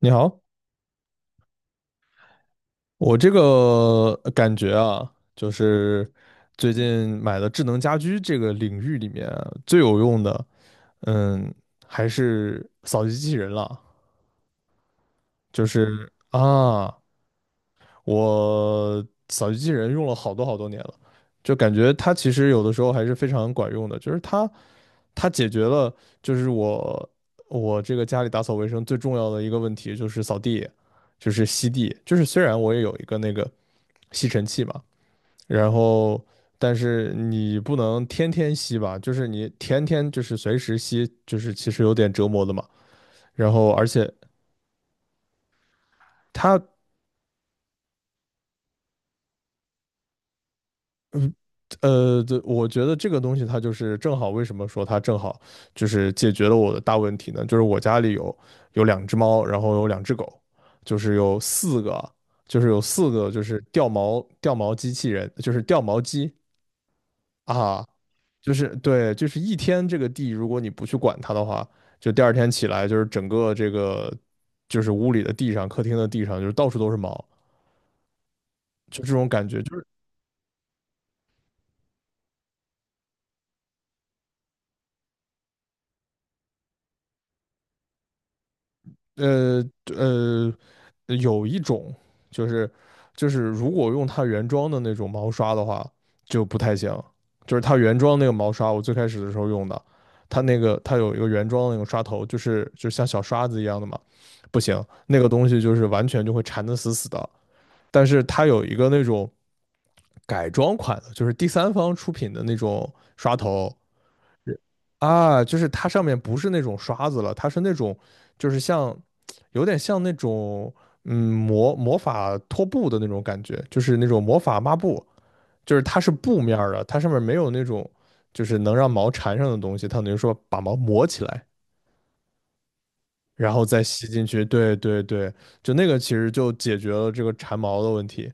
你好，我这个感觉啊，就是最近买的智能家居这个领域里面啊最有用的，嗯，还是扫地机器人了。就是啊，我扫地机器人用了好多好多年了，就感觉它其实有的时候还是非常管用的，就是它解决了就是我这个家里打扫卫生最重要的一个问题就是扫地，就是吸地，就是虽然我也有一个那个吸尘器嘛，然后但是你不能天天吸吧，就是你天天就是随时吸，就是其实有点折磨的嘛，然后而且。它。对，我觉得这个东西它就是正好，为什么说它正好就是解决了我的大问题呢？就是我家里有两只猫，然后有两只狗，就是有四个，就是有四个就是掉毛掉毛机器人，就是掉毛机啊，就是对，就是一天这个地，如果你不去管它的话，就第二天起来就是整个这个就是屋里的地上、客厅的地上就是到处都是毛，就这种感觉，就是呃呃，有一种就是就是如果用它原装的那种毛刷的话，就不太行。就是它原装那个毛刷，我最开始的时候用的，它那个它有一个原装的那个刷头，就是就像小刷子一样的嘛，不行，那个东西就是完全就会缠得死死的。但是它有一个那种改装款的，就是第三方出品的那种刷头，是啊，就是它上面不是那种刷子了，它是那种就是像有点像那种魔法拖布的那种感觉，就是那种魔法抹布，就是它是布面儿的，它上面没有那种就是能让毛缠上的东西，它等于说把毛磨起来，然后再吸进去。对对对，就那个其实就解决了这个缠毛的问题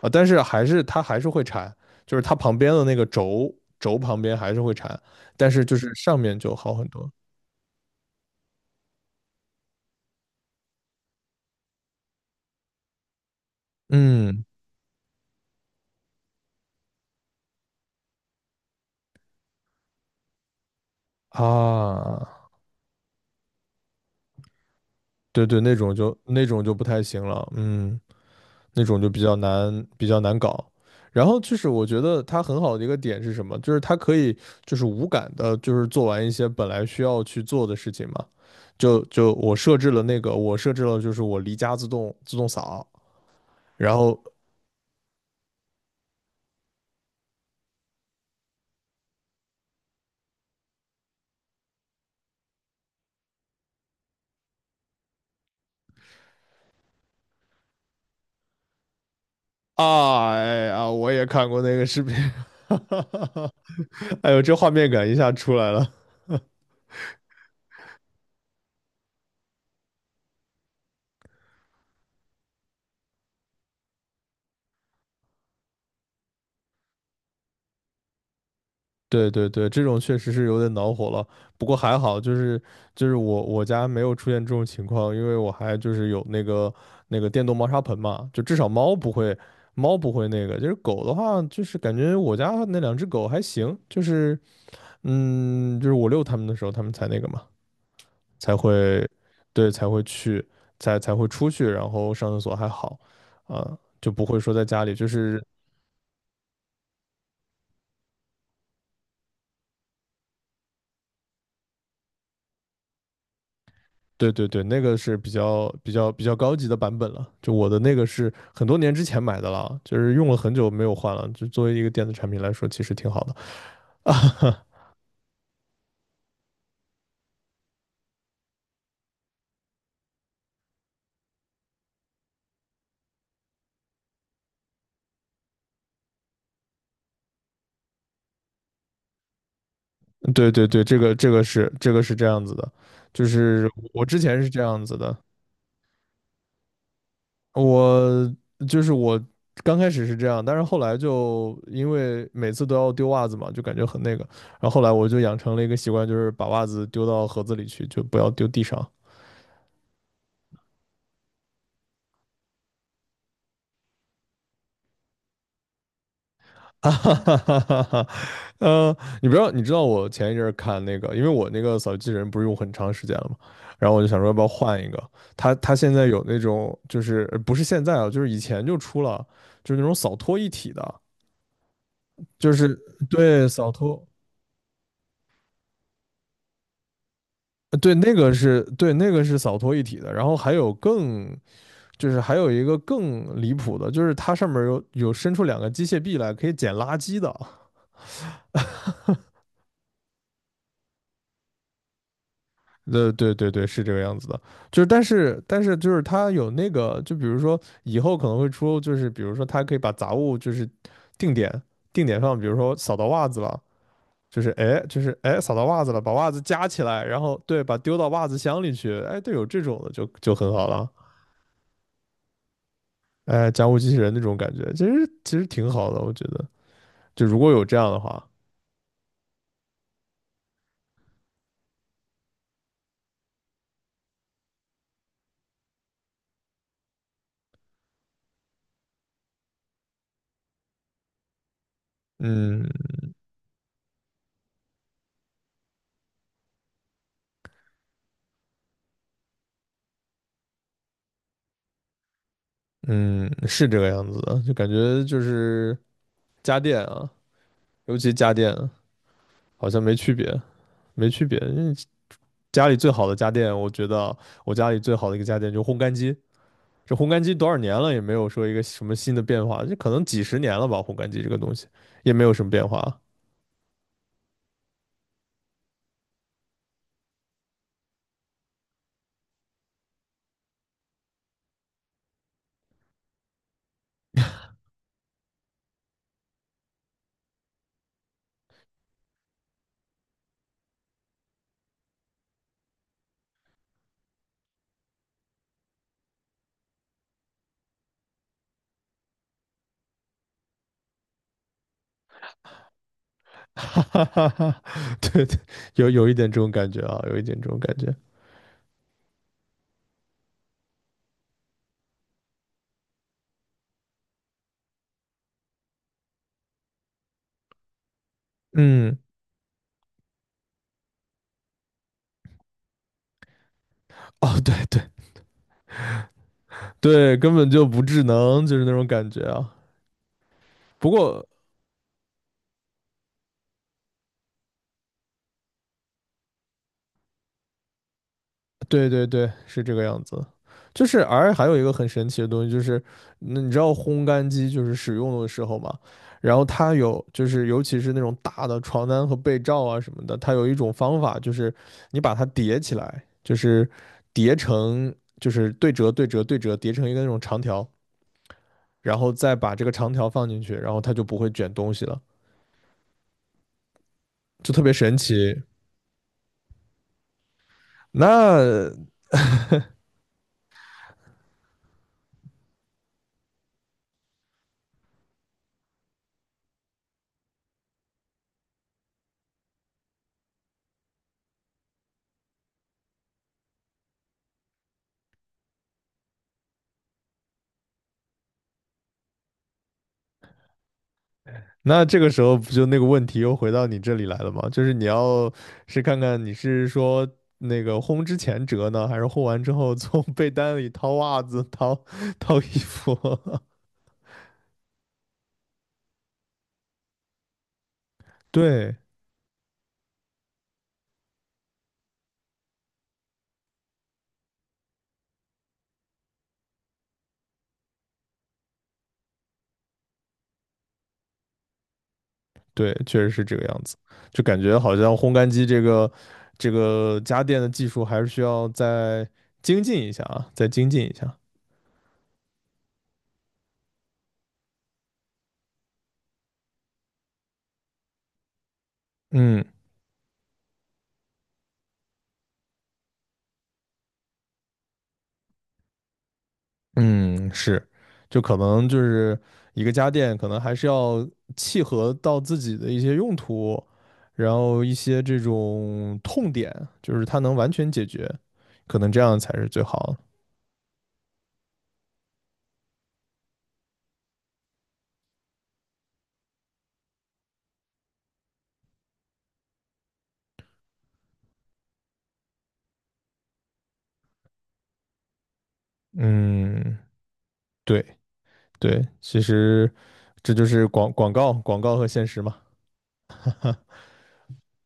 啊，但是还是它还是会缠，就是它旁边的那个轴旁边还是会缠，但是就是上面就好很多。嗯啊，对对，那种就那种就不太行了，嗯，那种就比较难比较难搞。然后就是我觉得它很好的一个点是什么？就是它可以就是无感的，就是做完一些本来需要去做的事情嘛。就我设置了那个，我设置了就是我离家自动扫，然后啊哎呀，我也看过那个视频，哈哈哈哈，哎呦，这画面感一下出来了。对对对，这种确实是有点恼火了。不过还好，就是我我家没有出现这种情况，因为我还就是有那个那个电动猫砂盆嘛，就至少猫不会那个。就是狗的话，就是感觉我家那两只狗还行，就是嗯，就是我遛它们的时候，它们才那个嘛，才会对才会去才会出去，然后上厕所还好啊，就不会说在家里就是。对对对，那个是比较高级的版本了。就我的那个是很多年之前买的了，就是用了很久没有换了。就作为一个电子产品来说，其实挺好的。啊，对对对，这个这个是这个是这样子的，就是我之前是这样子的，我我刚开始是这样，但是后来就因为每次都要丢袜子嘛，就感觉很那个，然后后来我就养成了一个习惯，就是把袜子丢到盒子里去，就不要丢地上。啊哈哈哈哈哈，你不知道，你知道我前一阵儿看那个，因为我那个扫地机器人不是用很长时间了嘛，然后我就想说要不要换一个。它现在有那种，就是不是现在啊，就是以前就出了，就是那种扫拖一体的，就是对扫拖，对那个是扫拖一体的，然后还有更就是还有一个更离谱的，就是它上面有伸出两个机械臂来可以捡垃圾的。对对对，是这个样子的，就是但是就是它有那个，就比如说以后可能会出，就是比如说它可以把杂物就是定点定点放，比如说扫到袜子了，就是哎就是哎扫到袜子了，把袜子夹起来，然后对，把丢到袜子箱里去，哎，对，有这种的就很好了，哎，家务机器人那种感觉，其实挺好的，我觉得，就如果有这样的话，嗯嗯，是这个样子的，就感觉就是家电啊，尤其家电啊好像没区别。没区别。因为家里最好的家电，我觉得我家里最好的一个家电就是烘干机。这烘干机多少年了也没有说一个什么新的变化，这可能几十年了吧。烘干机这个东西也没有什么变化，哈哈哈哈。对对，有一点这种感觉啊，有一点这种感觉。嗯，哦，对对对，根本就不智能，就是那种感觉啊。不过对对对，是这个样子。就是，而还有一个很神奇的东西，就是那你知道烘干机就是使用的时候嘛，然后它有就是尤其是那种大的床单和被罩啊什么的，它有一种方法，就是你把它叠起来，就是叠成就是对折对折对折叠成一个那种长条，然后再把这个长条放进去，然后它就不会卷东西了，就特别神奇。那那这个时候不就那个问题又回到你这里来了吗？就是你要是看看你是说那个烘之前折呢，还是烘完之后从被单里掏袜子、掏衣服？对对，确实是这个样子，就感觉好像烘干机这个家电的技术还是需要再精进一下啊，再精进一下。嗯。嗯，是，就可能就是一个家电，可能还是要契合到自己的一些用途，然后一些这种痛点，就是它能完全解决，可能这样才是最好的嗯，对对，其实这就是广告和现实嘛。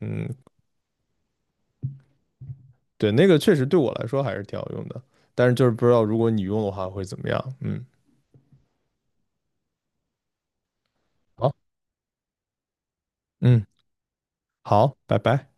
嗯，对，那个确实对我来说还是挺好用的，但是就是不知道如果你用的话会怎么样。嗯，好，嗯，好，拜拜。